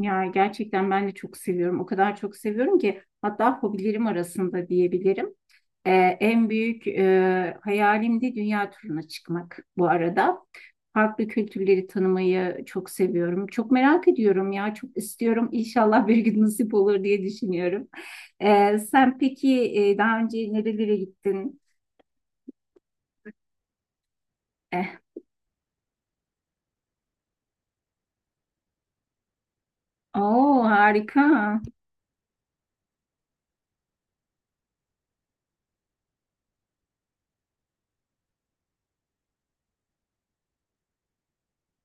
Ya gerçekten ben de çok seviyorum. O kadar çok seviyorum ki hatta hobilerim arasında diyebilirim. Ee, en büyük hayalim de dünya turuna çıkmak bu arada. Farklı kültürleri tanımayı çok seviyorum. Çok merak ediyorum ya, çok istiyorum. İnşallah bir gün nasip olur diye düşünüyorum. Sen peki daha önce nerelere gittin? Eh, oo, harika.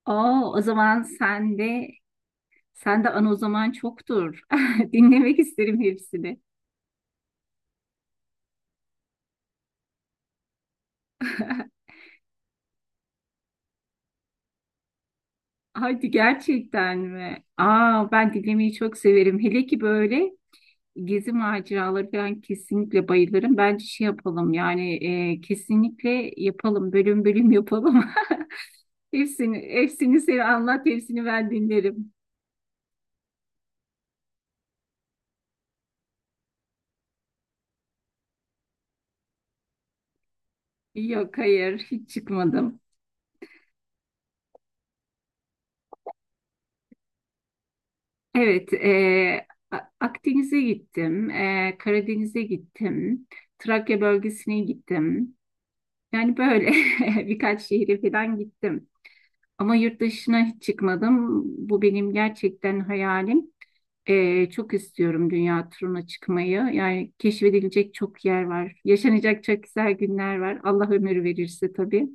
Oo, o zaman sen de anı o zaman çoktur. Dinlemek isterim hepsini. Hadi, gerçekten mi? Aa, ben dinlemeyi çok severim. Hele ki böyle gezi maceraları falan kesinlikle bayılırım. Bence şey yapalım yani kesinlikle yapalım. Bölüm bölüm yapalım. Hepsini, hepsini sen anlat, hepsini ben dinlerim. Yok, hayır, hiç çıkmadım. Evet Akdeniz'e gittim. E, Karadeniz'e gittim. Trakya bölgesine gittim. Yani böyle birkaç şehre falan gittim. Ama yurt dışına hiç çıkmadım. Bu benim gerçekten hayalim. Çok istiyorum dünya turuna çıkmayı. Yani keşfedilecek çok yer var. Yaşanacak çok güzel günler var. Allah ömür verirse tabii.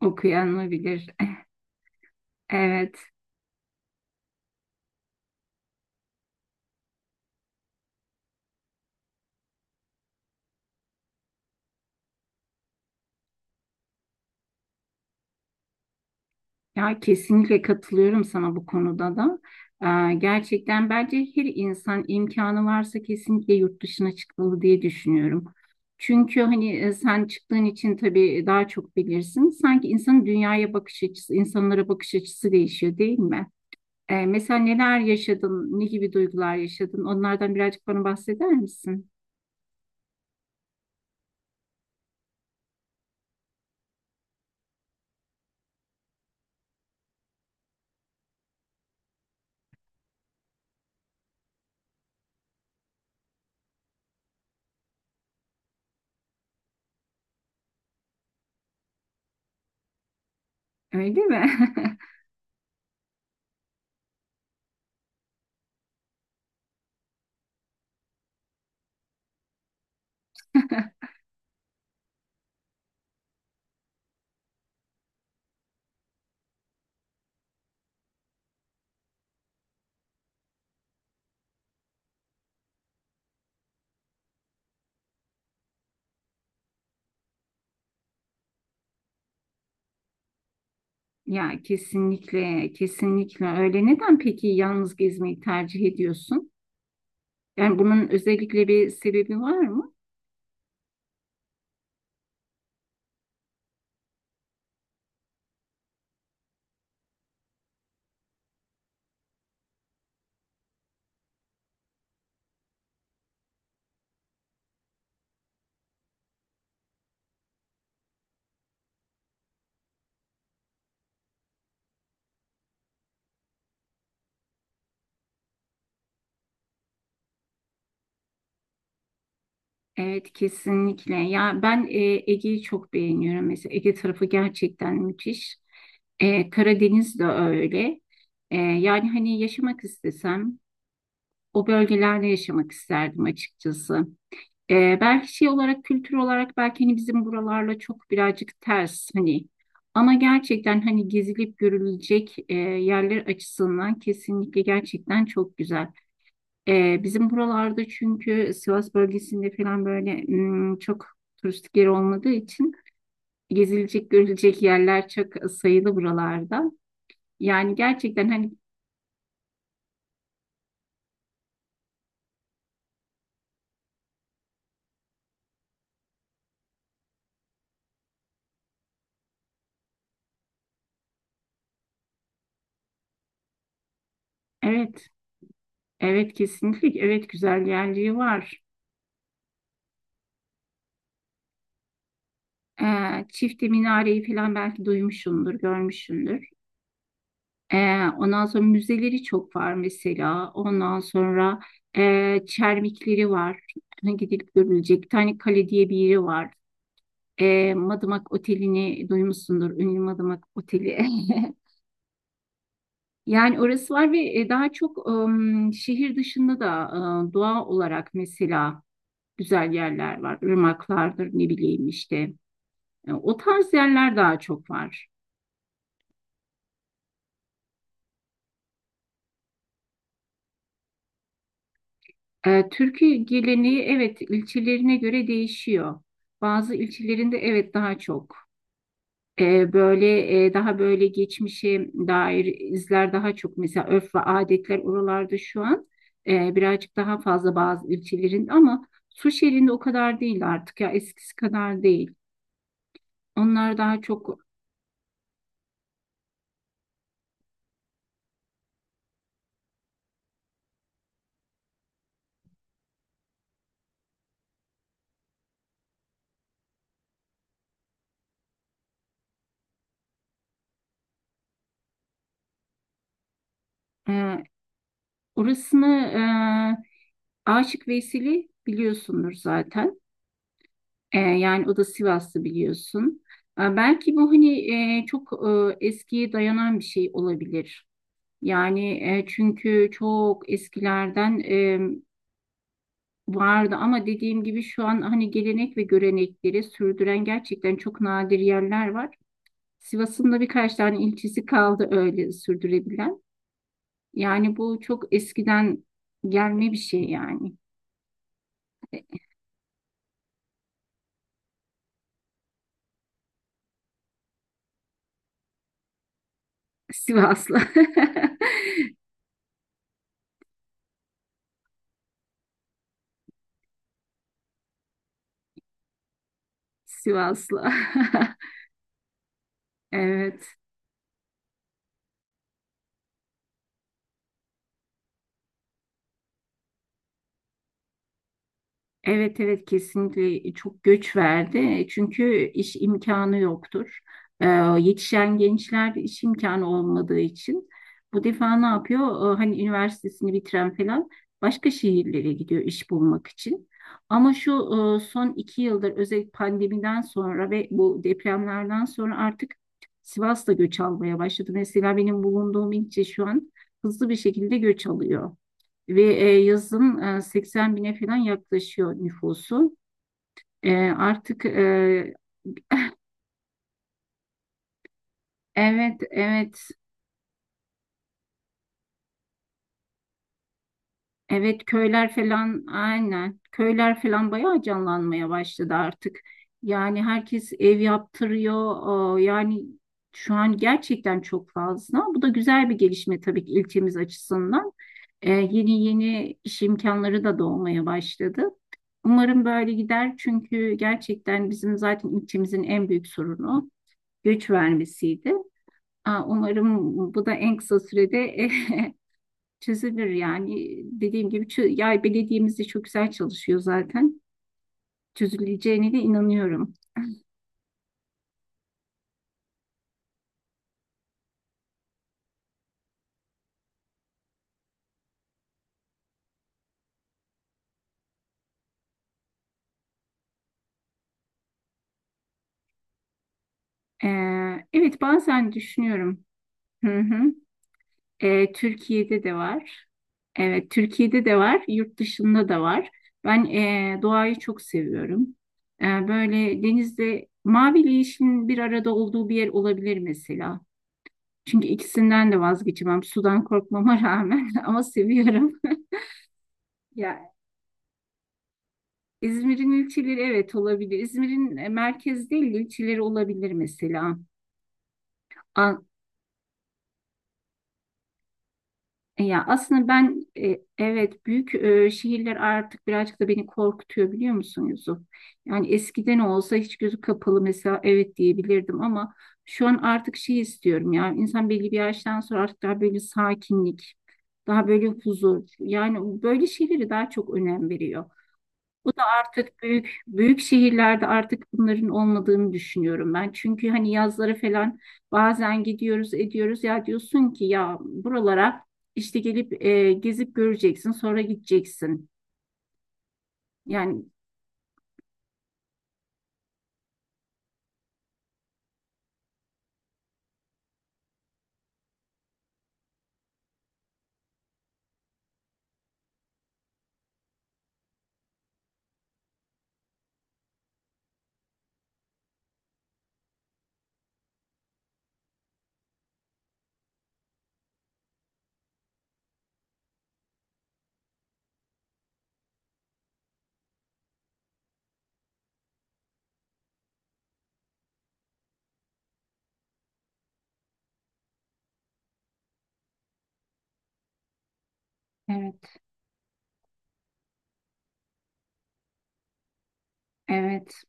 Okuyan mı bilir? Evet. Ya kesinlikle katılıyorum sana bu konuda da. Gerçekten bence her insan imkanı varsa kesinlikle yurt dışına çıkmalı diye düşünüyorum. Çünkü hani sen çıktığın için tabii daha çok bilirsin. Sanki insanın dünyaya bakış açısı, insanlara bakış açısı değişiyor değil mi? Mesela neler yaşadın, ne gibi duygular yaşadın? Onlardan birazcık bana bahseder misin? Öyle mi? Ya kesinlikle, kesinlikle öyle. Neden peki yalnız gezmeyi tercih ediyorsun? Yani bunun özellikle bir sebebi var mı? Evet, kesinlikle. Ya ben Ege'yi çok beğeniyorum. Mesela Ege tarafı gerçekten müthiş. E, Karadeniz de öyle. E, yani hani yaşamak istesem o bölgelerde yaşamak isterdim açıkçası. E, belki şey olarak, kültür olarak belki hani bizim buralarla çok birazcık ters hani. Ama gerçekten hani gezilip görülecek yerler açısından kesinlikle gerçekten çok güzel. Bizim buralarda çünkü Sivas bölgesinde falan böyle çok turistik yer olmadığı için gezilecek, görülecek yerler çok sayılı buralarda. Yani gerçekten hani evet, evet, kesinlikle, evet, güzel yerleri var. Çifte Minare'yi falan belki duymuşsundur, görmüşsündür. Ondan sonra müzeleri çok var mesela. Ondan sonra çermikleri var. Hani gidip görülecek. Bir tane kale diye bir yeri var. E, Madımak Oteli'ni duymuşsundur. Ünlü Madımak Oteli. Yani orası var ve daha çok şehir dışında da doğa olarak mesela güzel yerler var. Irmaklardır ne bileyim işte. E, o tarz yerler daha çok var. E, türkü geleneği evet ilçelerine göre değişiyor. Bazı ilçelerinde evet daha çok. Daha böyle geçmişe dair izler daha çok, mesela örf ve adetler oralarda şu an birazcık daha fazla bazı ülkelerin, ama Suşeli'nde o kadar değil artık, ya eskisi kadar değil. Onlar daha çok e, orasını e, Aşık Veyseli biliyorsundur zaten. E, yani o da Sivaslı biliyorsun. E, belki bu hani çok eskiye dayanan bir şey olabilir. Yani çünkü çok eskilerden vardı, ama dediğim gibi şu an hani gelenek ve görenekleri sürdüren gerçekten çok nadir yerler var. Sivas'ın da birkaç tane ilçesi kaldı öyle sürdürebilen. Yani bu çok eskiden gelme bir şey yani. Sivaslı. Sivaslı. Evet. Evet, evet, kesinlikle çok göç verdi. E, çünkü iş imkanı yoktur. Ee, yetişen gençler iş imkanı olmadığı için bu defa ne yapıyor? Hani üniversitesini bitiren falan başka şehirlere gidiyor iş bulmak için. Ama şu son iki yıldır özellikle pandemiden sonra ve bu depremlerden sonra artık Sivas da göç almaya başladı. Mesela benim bulunduğum ilçe şu an hızlı bir şekilde göç alıyor. Ve yazın 80 bine falan yaklaşıyor nüfusu. E, artık e, evet, evet, evet, köyler falan, aynen, köyler falan bayağı canlanmaya başladı artık. Yani herkes ev yaptırıyor. E, yani şu an gerçekten çok fazla. Bu da güzel bir gelişme tabii ki ilçemiz açısından. E, yeni yeni iş imkanları da doğmaya başladı. Umarım böyle gider, çünkü gerçekten bizim zaten ilçemizin en büyük sorunu güç vermesiydi. Aa, umarım bu da en kısa sürede çözülür yani. Dediğim gibi yay belediyemiz de çok güzel çalışıyor zaten. Çözüleceğine de inanıyorum. Evet, bazen düşünüyorum. Hı hı. E, Türkiye'de de var. Evet, Türkiye'de de var, yurt dışında da var. Ben doğayı çok seviyorum. E, böyle denizde maviyle yeşilin bir arada olduğu bir yer olabilir mesela. Çünkü ikisinden de vazgeçemem. Sudan korkmama rağmen ama seviyorum. Ya İzmir'in ilçeleri evet olabilir. İzmir'in merkez değil de ilçeleri olabilir mesela. E, ya aslında ben evet, büyük şehirler artık birazcık da beni korkutuyor, biliyor musun Yusuf? Yani eskiden olsa hiç gözü kapalı mesela evet diyebilirdim, ama şu an artık şey istiyorum ya, insan belli bir yaştan sonra artık daha böyle sakinlik, daha böyle huzur, yani böyle şeyleri daha çok önem veriyor. Bu da artık büyük büyük şehirlerde artık bunların olmadığını düşünüyorum ben. Çünkü hani yazları falan bazen gidiyoruz ediyoruz ya, diyorsun ki ya buralara işte gelip gezip göreceksin sonra gideceksin. Yani evet, evet,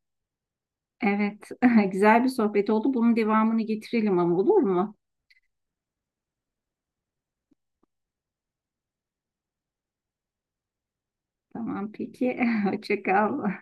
evet, güzel bir sohbet oldu. Bunun devamını getirelim ama, olur mu? Tamam peki. Hoşça kal.